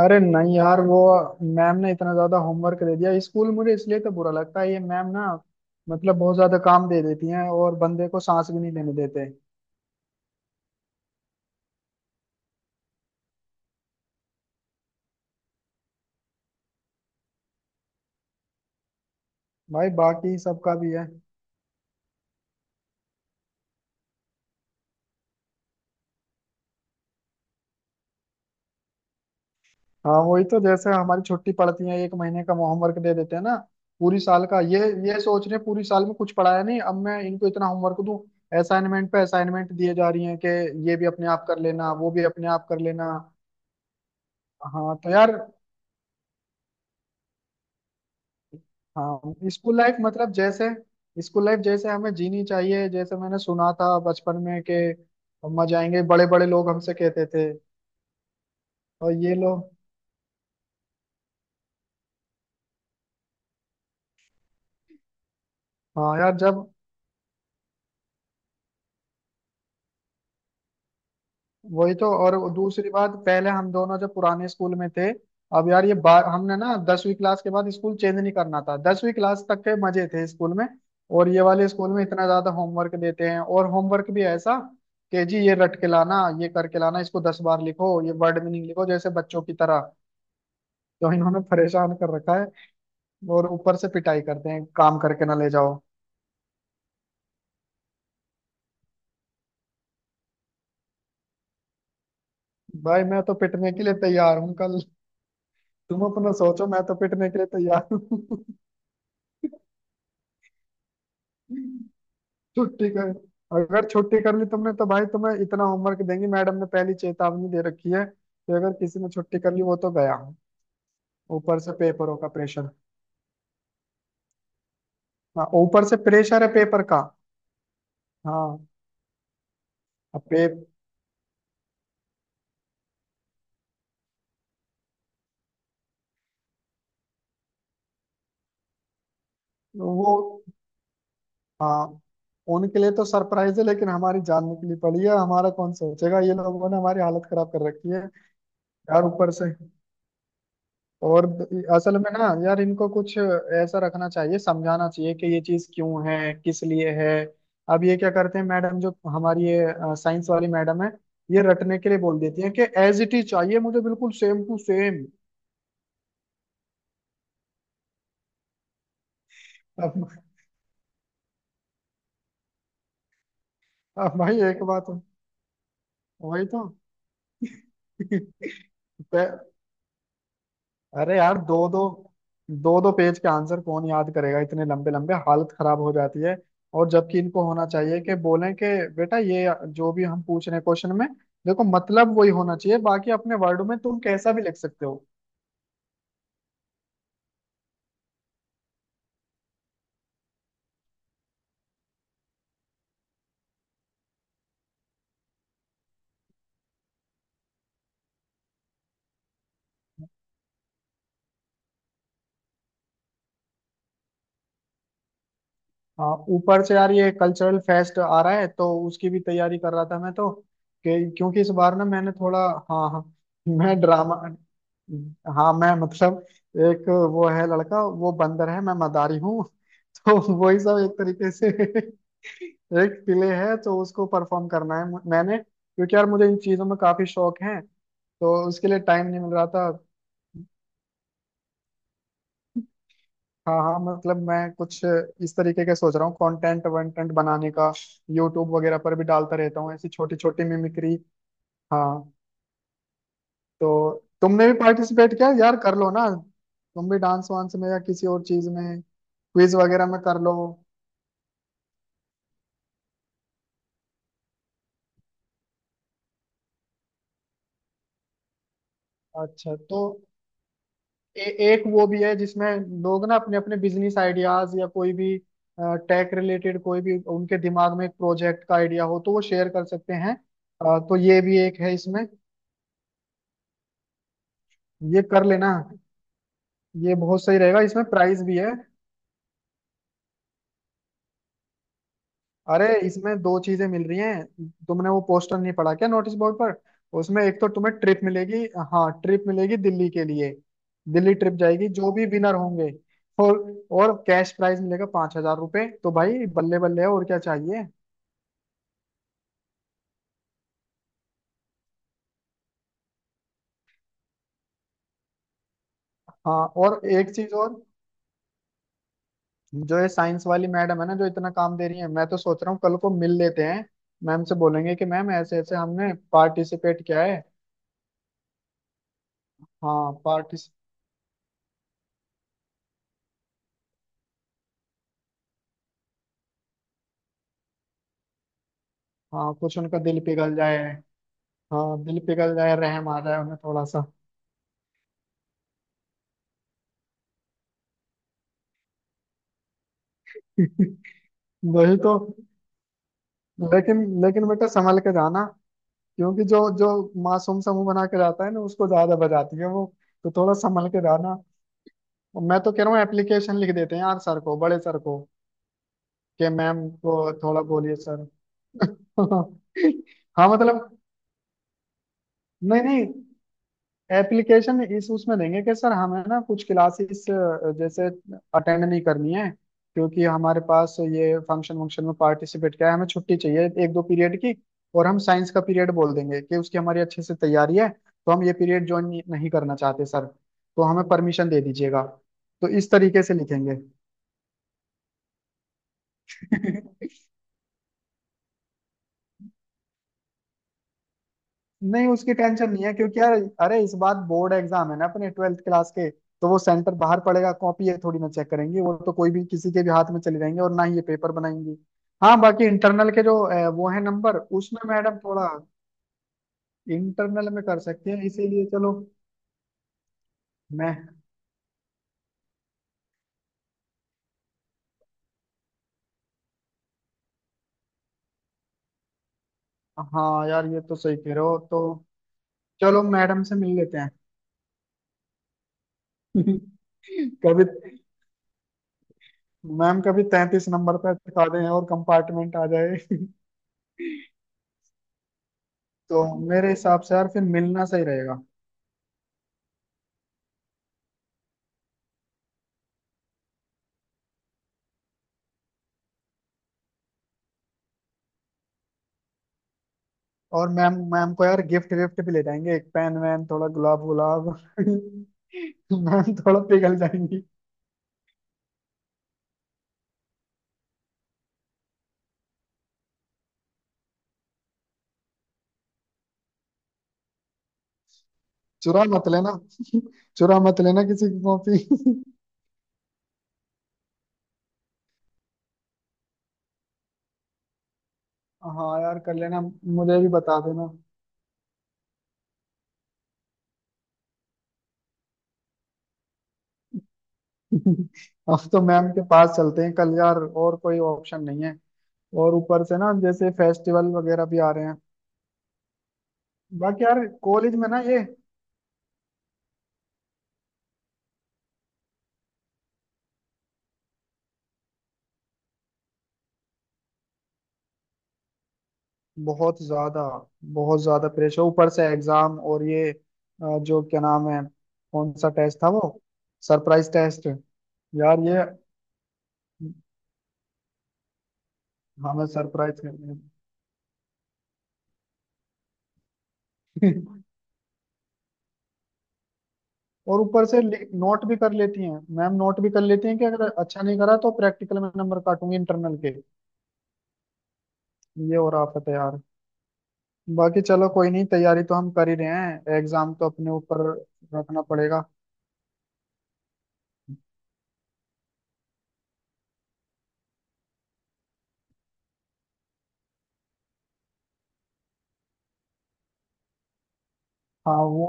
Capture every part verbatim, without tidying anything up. अरे नहीं यार वो मैम ने इतना ज्यादा होमवर्क दे दिया स्कूल मुझे इसलिए तो बुरा लगता है ये मैम ना। मतलब बहुत ज्यादा काम दे देती हैं और बंदे को सांस भी नहीं लेने देते। भाई बाकी सबका भी है। हाँ वही तो जैसे हमारी छुट्टी पड़ती है एक महीने का होमवर्क दे देते हैं ना। पूरी साल का। ये ये सोच रहे हैं पूरी साल में कुछ पढ़ाया नहीं अब मैं इनको इतना होमवर्क दूं। असाइनमेंट पे असाइनमेंट दिए जा रही हैं कि ये भी अपने आप कर लेना वो भी अपने आप कर लेना। हाँ तो यार। हाँ स्कूल लाइफ मतलब जैसे स्कूल लाइफ जैसे हमें जीनी चाहिए जैसे मैंने सुना था बचपन में कि हम मजा आएंगे बड़े बड़े लोग हमसे कहते थे। और ये लोग। हाँ यार जब वही तो और दूसरी बात पहले हम दोनों जब पुराने स्कूल में थे। अब यार ये बार हमने ना दसवीं क्लास के बाद स्कूल चेंज नहीं करना था दसवीं क्लास तक के मजे थे स्कूल में। और ये वाले स्कूल में इतना ज्यादा होमवर्क देते हैं और होमवर्क भी ऐसा कि जी ये रट के लाना ये करके लाना इसको दस बार लिखो ये वर्ड मीनिंग लिखो जैसे बच्चों की तरह। तो इन्होंने परेशान कर रखा है और ऊपर से पिटाई करते हैं काम करके ना ले जाओ। भाई मैं तो पिटने के लिए तैयार हूँ कल। तुम अपना सोचो मैं तो पिटने के लिए तैयार हूँ। छुट्टी कर। अगर छुट्टी कर ली तुमने तो भाई तुम्हें इतना होमवर्क देंगी मैडम ने पहली चेतावनी दे रखी है कि अगर किसी ने छुट्टी कर ली वो तो गया। ऊपर से पेपरों का प्रेशर। हाँ ऊपर से प्रेशर है पेपर का। हाँ। अब पे। वो। हाँ उनके लिए तो सरप्राइज है लेकिन हमारी जान निकली पड़ी है हमारा कौन सोचेगा ये लोगों ने हमारी हालत खराब कर रखी है। यार ऊपर से और असल में ना यार इनको कुछ ऐसा रखना चाहिए समझाना चाहिए कि ये चीज क्यों है किस लिए है। अब ये क्या करते हैं मैडम जो हमारी ये साइंस वाली मैडम है ये रटने के लिए बोल देती है कि एज इट इज चाहिए मुझे बिल्कुल सेम टू सेम। अब, अब भाई एक बात वही तो। पै- अरे यार दो दो दो दो पेज के आंसर कौन याद करेगा इतने लंबे लंबे हालत खराब हो जाती है। और जबकि इनको होना चाहिए कि बोलें कि बेटा ये जो भी हम पूछ रहे हैं क्वेश्चन में देखो मतलब वही होना चाहिए बाकी अपने वर्ड में तुम कैसा भी लिख सकते हो। हाँ ऊपर से यार ये कल्चरल फेस्ट आ रहा है तो उसकी भी तैयारी कर रहा था मैं तो कि, क्योंकि इस बार ना मैंने थोड़ा हाँ हाँ मैं ड्रामा हाँ मैं मतलब एक वो है लड़का वो बंदर है मैं मदारी हूँ। तो वही सब एक तरीके से एक प्ले है तो उसको परफॉर्म करना है मु- मैंने क्योंकि यार मुझे इन चीजों में काफी शौक है। तो उसके लिए टाइम नहीं मिल रहा था। हाँ हाँ मतलब मैं कुछ इस तरीके का सोच रहा हूँ कंटेंट वंटेंट बनाने का। यूट्यूब वगैरह पर भी डालता रहता हूँ ऐसी छोटी छोटी मिमिक्री। हाँ तो तुमने भी पार्टिसिपेट किया यार कर लो ना। तुम भी डांस वांस में या किसी और चीज में क्विज वगैरह में कर लो। अच्छा तो ए, एक वो भी है जिसमें लोग ना अपने अपने बिजनेस आइडियाज या कोई भी टेक रिलेटेड कोई भी उनके दिमाग में एक प्रोजेक्ट का आइडिया हो तो वो शेयर कर सकते हैं अ, तो ये भी एक है इसमें। ये कर लेना। ये बहुत सही रहेगा इसमें प्राइस भी है। अरे इसमें दो चीजें मिल रही हैं। तुमने वो पोस्टर नहीं पढ़ा क्या नोटिस बोर्ड पर? उसमें एक तो तुम्हें ट्रिप मिलेगी। हाँ ट्रिप मिलेगी दिल्ली के लिए। दिल्ली ट्रिप जाएगी जो भी विनर होंगे। और और कैश प्राइज मिलेगा पांच हजार रुपये तो भाई बल्ले बल्ले है और क्या चाहिए। हाँ और एक चीज और। जो ये साइंस वाली मैडम है ना जो इतना काम दे रही है मैं तो सोच रहा हूँ कल को मिल लेते हैं। मैम से बोलेंगे कि मैम ऐसे ऐसे हमने पार्टिसिपेट किया है। हाँ पार्टिस हाँ कुछ उनका दिल पिघल जाए। हाँ दिल पिघल जाए रहम आ जाए उन्हें थोड़ा सा। वही तो। लेकिन लेकिन बेटा संभल के जाना। क्योंकि जो जो मासूम समूह बना के जाता है ना उसको ज्यादा बजाती है वो। तो थोड़ा संभल के जाना। और मैं तो कह रहा हूँ एप्लीकेशन लिख देते हैं यार सर को बड़े सर को कि मैम को थोड़ा बोलिए सर। हाँ मतलब नहीं नहीं एप्लीकेशन इस उसमें देंगे कि सर हमें ना कुछ क्लासेस जैसे अटेंड नहीं करनी है। क्योंकि हमारे पास ये फंक्शन वंक्शन में पार्टिसिपेट किया है हमें छुट्टी चाहिए एक दो पीरियड की। और हम साइंस का पीरियड बोल देंगे कि उसकी हमारी अच्छे से तैयारी है तो हम ये पीरियड ज्वाइन नहीं नहीं करना चाहते सर तो हमें परमिशन दे दीजिएगा। तो इस तरीके से लिखेंगे। नहीं उसकी टेंशन नहीं है क्योंकि यार अरे इस बार बोर्ड एग्जाम है ना अपने ट्वेल्थ क्लास के तो वो सेंटर बाहर पड़ेगा कॉपी ये थोड़ी ना चेक करेंगे वो तो कोई भी किसी के भी हाथ में चले जाएंगे और ना ही ये पेपर बनाएंगे। हाँ बाकी इंटरनल के जो अ, वो है नंबर उसमें मैडम थोड़ा इंटरनल में कर सकती है इसीलिए चलो। मैं हाँ यार ये तो सही कह रहे हो तो चलो मैडम से मिल लेते हैं। कभी मैम कभी तैंतीस नंबर पे अटका दें और कंपार्टमेंट आ जाए। तो मेरे हिसाब से यार फिर मिलना सही रहेगा। और मैम मैम को यार गिफ्ट विफ्ट भी ले जाएंगे एक पेन वैन थोड़ा गुलाब गुलाब। मैम थोड़ा पिघल जाएंगी। चुरा मत लेना। चुरा मत लेना किसी की कॉपी। हाँ यार कर लेना मुझे भी बता देना। अब तो मैम के पास चलते हैं कल यार। और कोई ऑप्शन नहीं है। और ऊपर से ना जैसे फेस्टिवल वगैरह भी आ रहे हैं। बाकी यार कॉलेज में ना ये। बहुत ज्यादा। बहुत ज्यादा प्रेशर ऊपर से एग्जाम और ये अ, जो क्या नाम है। कौन सा टेस्ट था वो। Surprise test. यार ये हमें सरप्राइज करने हैं। और ऊपर से नोट भी कर लेती हैं मैम नोट भी कर लेती हैं कि अगर अच्छा नहीं करा तो प्रैक्टिकल में नंबर काटूंगी इंटरनल के। ये और आफत है यार। बाकी चलो कोई नहीं तैयारी तो हम कर ही रहे हैं एग्जाम तो अपने ऊपर रखना पड़ेगा। हाँ वो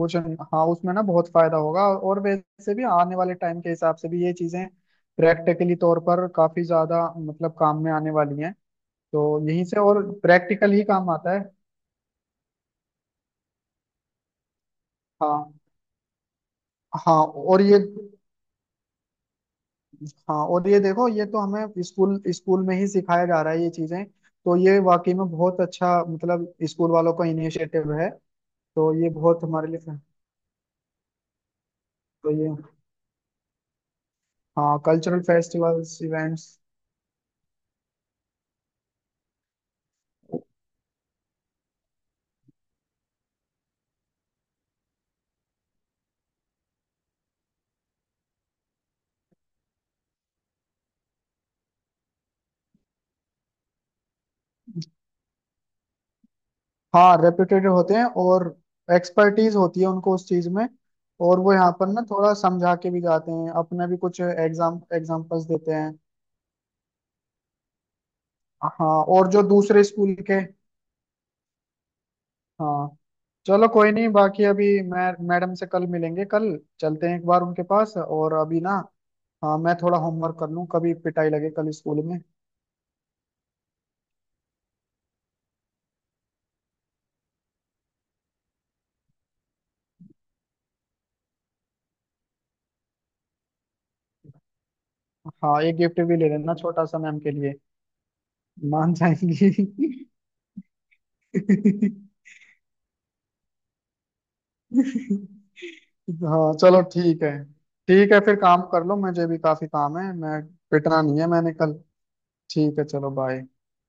कुछ हाँ उसमें ना बहुत फायदा होगा और वैसे भी आने वाले टाइम के हिसाब से भी ये चीजें प्रैक्टिकली तौर पर काफी ज्यादा मतलब काम में आने वाली हैं। तो यहीं से और प्रैक्टिकल ही काम आता है। हाँ हाँ और ये हाँ और ये देखो ये तो हमें स्कूल स्कूल में ही सिखाया जा रहा है ये चीजें तो ये वाकई में बहुत अच्छा मतलब स्कूल वालों का इनिशिएटिव है। तो ये बहुत हमारे लिए। तो ये। हाँ कल्चरल फेस्टिवल्स इवेंट्स। हाँ रेप्यूटेड होते हैं और एक्सपर्टीज होती है उनको उस चीज में। और वो यहाँ पर ना थोड़ा समझा के भी जाते हैं अपने भी कुछ एग्जाम एग्जाम्पल्स देते हैं। हाँ और जो दूसरे स्कूल के। हाँ चलो कोई नहीं बाकी अभी मैं मैडम से कल मिलेंगे कल। चलते हैं एक बार उनके पास और अभी ना। हाँ मैं थोड़ा होमवर्क कर लूँ कभी पिटाई लगे कल स्कूल में। हाँ एक गिफ्ट भी ले लेना छोटा सा मैम के लिए। मान जाएंगी। हाँ चलो ठीक है। ठीक है फिर काम कर लो मुझे भी काफी काम है। मैं पिटना नहीं है मैंने कल। ठीक है चलो बाय।